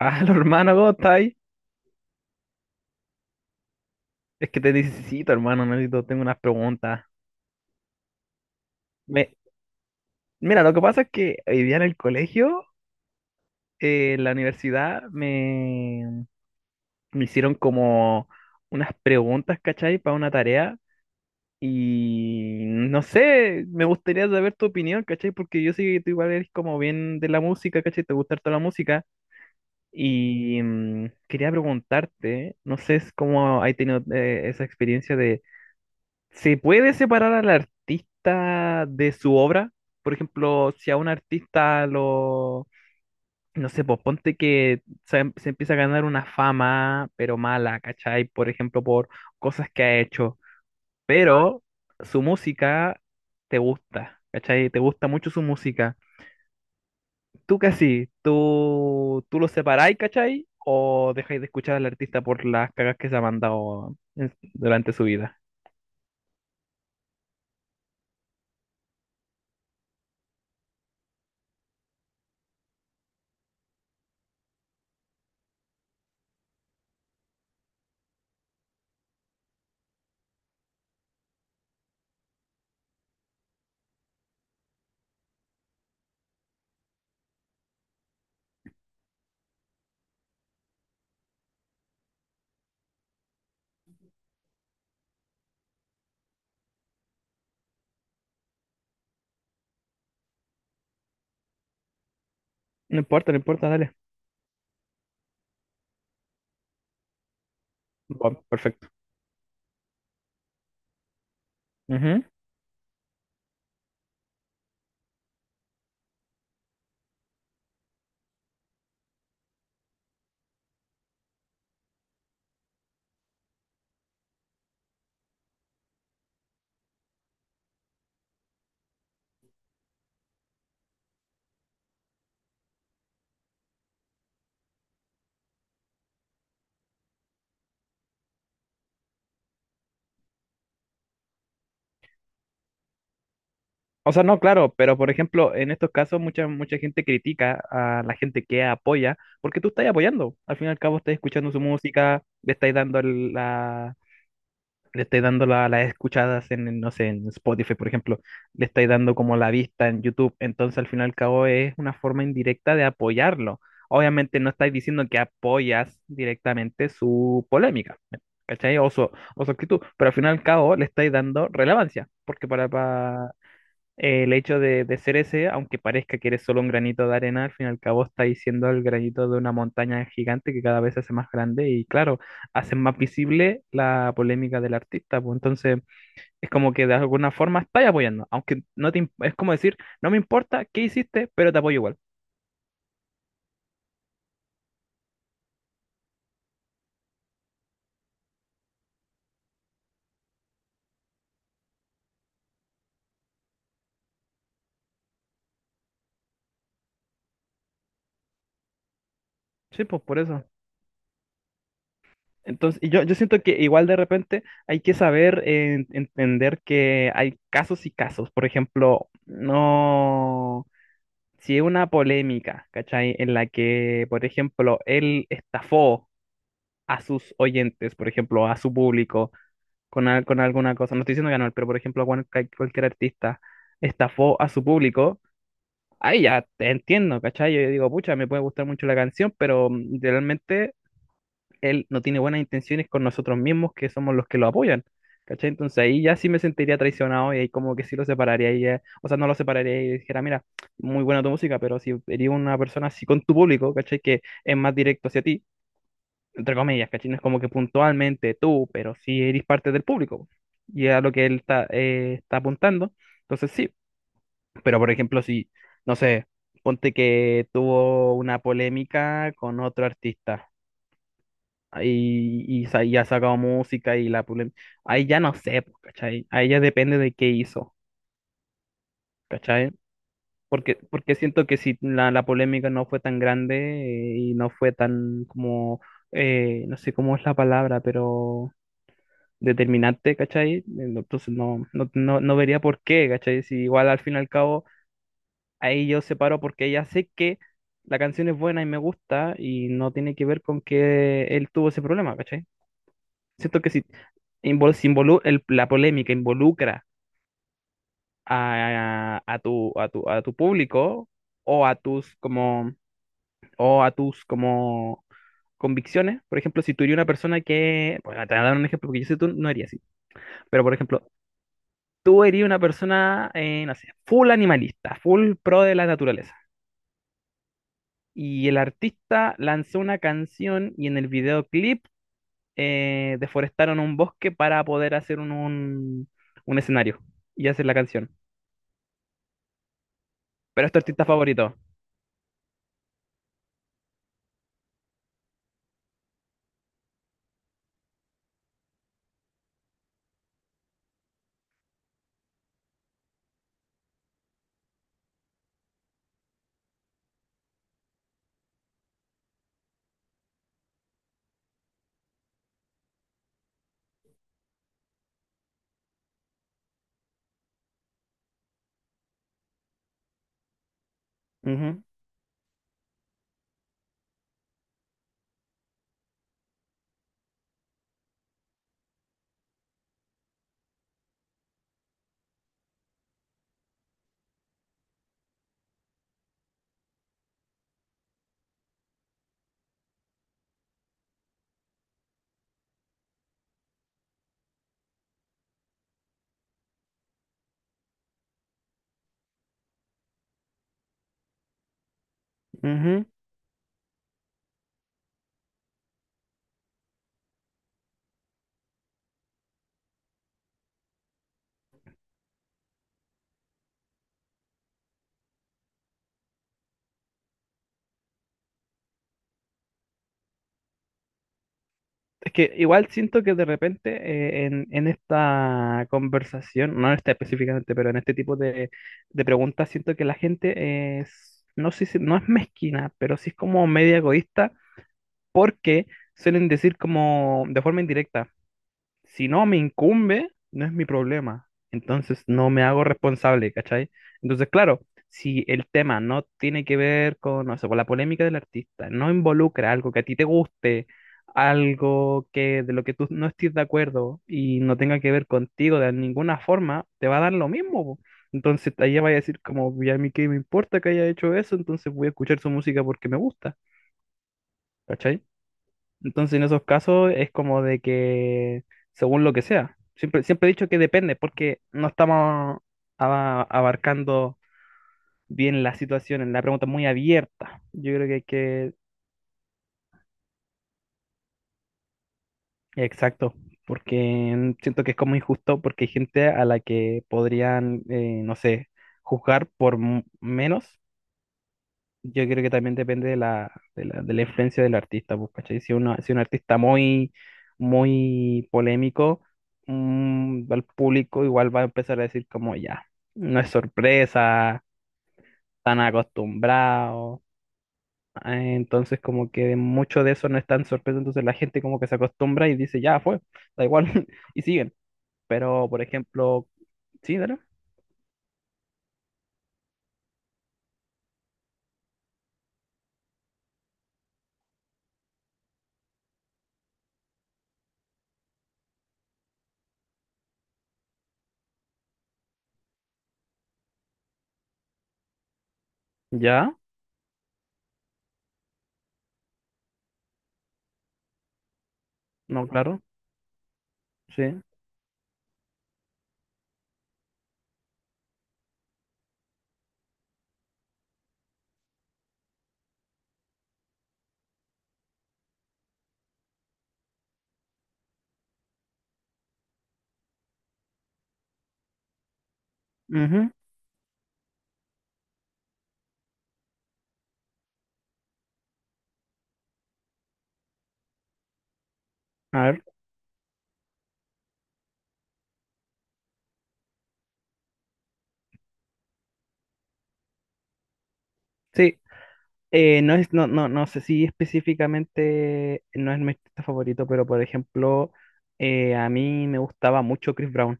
Ah, hermano, ¿cómo está ahí? Es que te necesito, hermano, necesito, tengo unas preguntas. Me, mira, lo que pasa es que hoy día en el colegio, en la universidad, me hicieron como unas preguntas, ¿cachai? Para una tarea. Y no sé, me gustaría saber tu opinión, ¿cachai? Porque yo sé que tú igual eres como bien de la música, ¿cachai? Te gusta toda la música. Y quería preguntarte, no sé es cómo has tenido esa experiencia. ¿Se puede separar al artista de su obra? Por ejemplo, si a un artista lo, no sé, pues ponte que se empieza a ganar una fama, pero mala, ¿cachai? Por ejemplo, por cosas que ha hecho, pero su música te gusta, ¿cachai? Te gusta mucho su música. ¿Tú qué así? ¿Tú lo separáis, ¿cachai? ¿O dejáis de escuchar al artista por las cagas que se ha mandado durante su vida? No importa, no importa, dale. Va, perfecto. Ujú. O sea, no, claro, pero por ejemplo, en estos casos mucha gente critica a la gente que apoya, porque tú estás apoyando. Al fin y al cabo estás escuchando su música, le estás dando le estás dando las escuchadas no sé, en Spotify, por ejemplo, le estás dando como la vista en YouTube. Entonces, al fin y al cabo es una forma indirecta de apoyarlo. Obviamente no estás diciendo que apoyas directamente su polémica, ¿cachai? O su actitud, pero al fin y al cabo le estáis dando relevancia, porque para, el hecho de ser ese, aunque parezca que eres solo un granito de arena, al fin y al cabo está siendo el granito de una montaña gigante que cada vez se hace más grande y claro, hacen más visible la polémica del artista, pues entonces es como que de alguna forma estás apoyando, aunque no te, es como decir, no me importa qué hiciste, pero te apoyo igual. Sí, pues por eso. Entonces, yo siento que igual de repente hay que saber entender que hay casos y casos. Por ejemplo, no. Si es una polémica, ¿cachai? En la que, por ejemplo, él estafó a sus oyentes, por ejemplo, a su público, con alguna cosa, no estoy diciendo que no, pero por ejemplo, cualquier artista estafó a su público, ahí ya te entiendo, ¿cachai? Yo digo, pucha, me puede gustar mucho la canción, pero realmente él no tiene buenas intenciones con nosotros mismos, que somos los que lo apoyan. ¿Cachai? Entonces ahí ya sí me sentiría traicionado y ahí como que sí lo separaría o sea, no lo separaría y dijera, mira, muy buena tu música, pero si eres una persona así con tu público, ¿cachai? Que es más directo hacia ti, entre comillas, ¿cachai? No es como que puntualmente tú, pero sí eres parte del público. Y a lo que él está, está apuntando. Entonces sí, pero por ejemplo, no sé, ponte que tuvo una polémica con otro artista y ha sacado música y ahí ya no sé, pues, ¿cachai? Ahí ya depende de qué hizo, ¿cachai? Porque siento que si la polémica no fue tan grande y no fue tan como, no sé cómo es la palabra, pero determinante, ¿cachai? Entonces no vería por qué, ¿cachai? Si igual al fin y al cabo ahí yo separo porque ya sé que la canción es buena y me gusta y no tiene que ver con que él tuvo ese problema, ¿cachai? Siento que sí la polémica involucra a, a tu público o a tus como o a tus como convicciones. Por ejemplo, si tú eres una persona que, bueno, te voy a dar un ejemplo porque yo sé que tú no harías así, pero por ejemplo, tú eres una persona, no sé, full animalista, full pro de la naturaleza. Y el artista lanzó una canción y en el videoclip deforestaron un bosque para poder hacer un escenario y hacer la canción. Pero es tu artista favorito. Ujú, ujú. Es que igual siento que de repente en esta conversación, no en esta específicamente, pero en este tipo de preguntas, siento que la gente es, no sé si, no es mezquina, pero sí es como media egoísta porque suelen decir como de forma indirecta. Si no me incumbe, no es mi problema. Entonces no me hago responsable, ¿cachai? Entonces, claro, si el tema no tiene que ver con, no sé, con la polémica del artista, no involucra algo que a ti te guste, algo que de lo que tú no estés de acuerdo y no tenga que ver contigo de ninguna forma, te va a dar lo mismo. Po. Entonces, ahí va a decir como, ya a mí qué me importa que haya hecho eso, entonces voy a escuchar su música porque me gusta, ¿cachai? Entonces, en esos casos es como de que, según lo que sea, siempre he dicho que depende, porque no estamos abarcando bien la situación, la pregunta es muy abierta. Yo creo que hay que, exacto, porque siento que es como injusto, porque hay gente a la que podrían, no sé, juzgar por menos. Yo creo que también depende de de la influencia del artista, pues, ¿cachai? Si uno, si un artista muy polémico, al público igual va a empezar a decir como ya, no es sorpresa, tan acostumbrado. Entonces como que mucho de eso no es tan sorpresa, entonces la gente como que se acostumbra y dice, ya fue, da igual, y siguen. Pero, por ejemplo, sí, dale. Ya, no, claro, sí. Ujú, a ver. Sí, no sé si específicamente no es mi artista favorito, pero por ejemplo, a mí me gustaba mucho Chris Brown.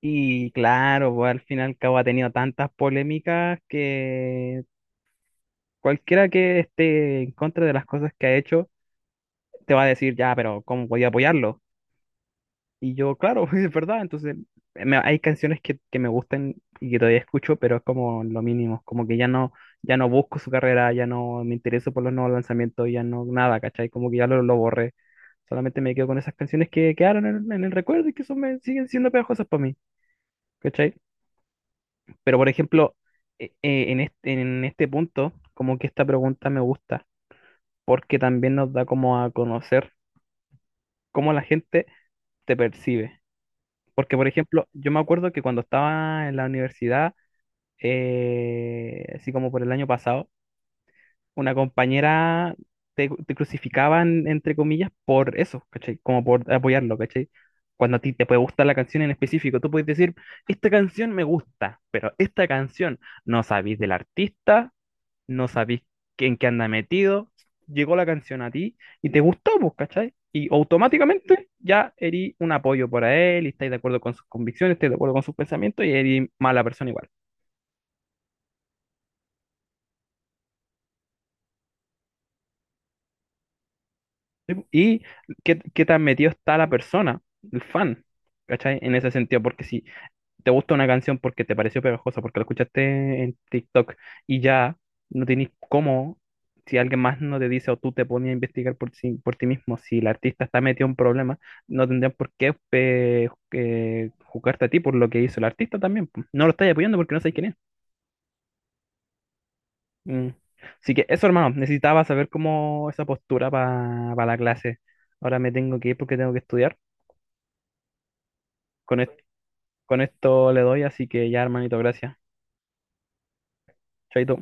Y claro, pues, al fin y al cabo ha tenido tantas polémicas que cualquiera que esté en contra de las cosas que ha hecho te va a decir, ya, pero ¿cómo voy a apoyarlo? Y yo, claro, es verdad, entonces hay canciones que me gustan y que todavía escucho, pero es como lo mínimo, como que ya no, ya no busco su carrera, ya no me intereso por los nuevos lanzamientos, ya no nada, ¿cachai? Como que lo borré, solamente me quedo con esas canciones que quedaron en el recuerdo y que son, me, siguen siendo pegajosas para mí, ¿cachai? Pero por ejemplo, en este punto, como que esta pregunta me gusta, porque también nos da como a conocer cómo la gente te percibe. Porque, por ejemplo, yo me acuerdo que cuando estaba en la universidad, así como por el año pasado, una compañera te crucificaban, entre comillas, por eso, ¿cachai? Como por apoyarlo, ¿cachai? Cuando a ti te puede gustar la canción en específico, tú puedes decir, esta canción me gusta, pero esta canción no sabéis del artista, no sabís en qué anda metido, llegó la canción a ti y te gustó, pues, ¿cachai? Y automáticamente ya erí un apoyo para él, y estáis de acuerdo con sus convicciones, estáis de acuerdo con sus pensamientos y erí mala persona igual. ¿Sí? Pues, y qué, qué tan metido está la persona, el fan, ¿cachai? En ese sentido, porque si te gusta una canción porque te pareció pegajosa, porque la escuchaste en TikTok y ya no tenés cómo, si alguien más no te dice o tú te pones a investigar por, por ti mismo, si el artista está metido en problemas, no tendrían por qué juzgarte a ti por lo que hizo el artista también. Po. No lo estás apoyando porque no sabes quién es. Mm. Así que eso, hermano, necesitaba saber cómo esa postura para la clase. Ahora me tengo que ir porque tengo que estudiar. Con, es- con esto le doy, así que ya, hermanito, gracias. Chaito.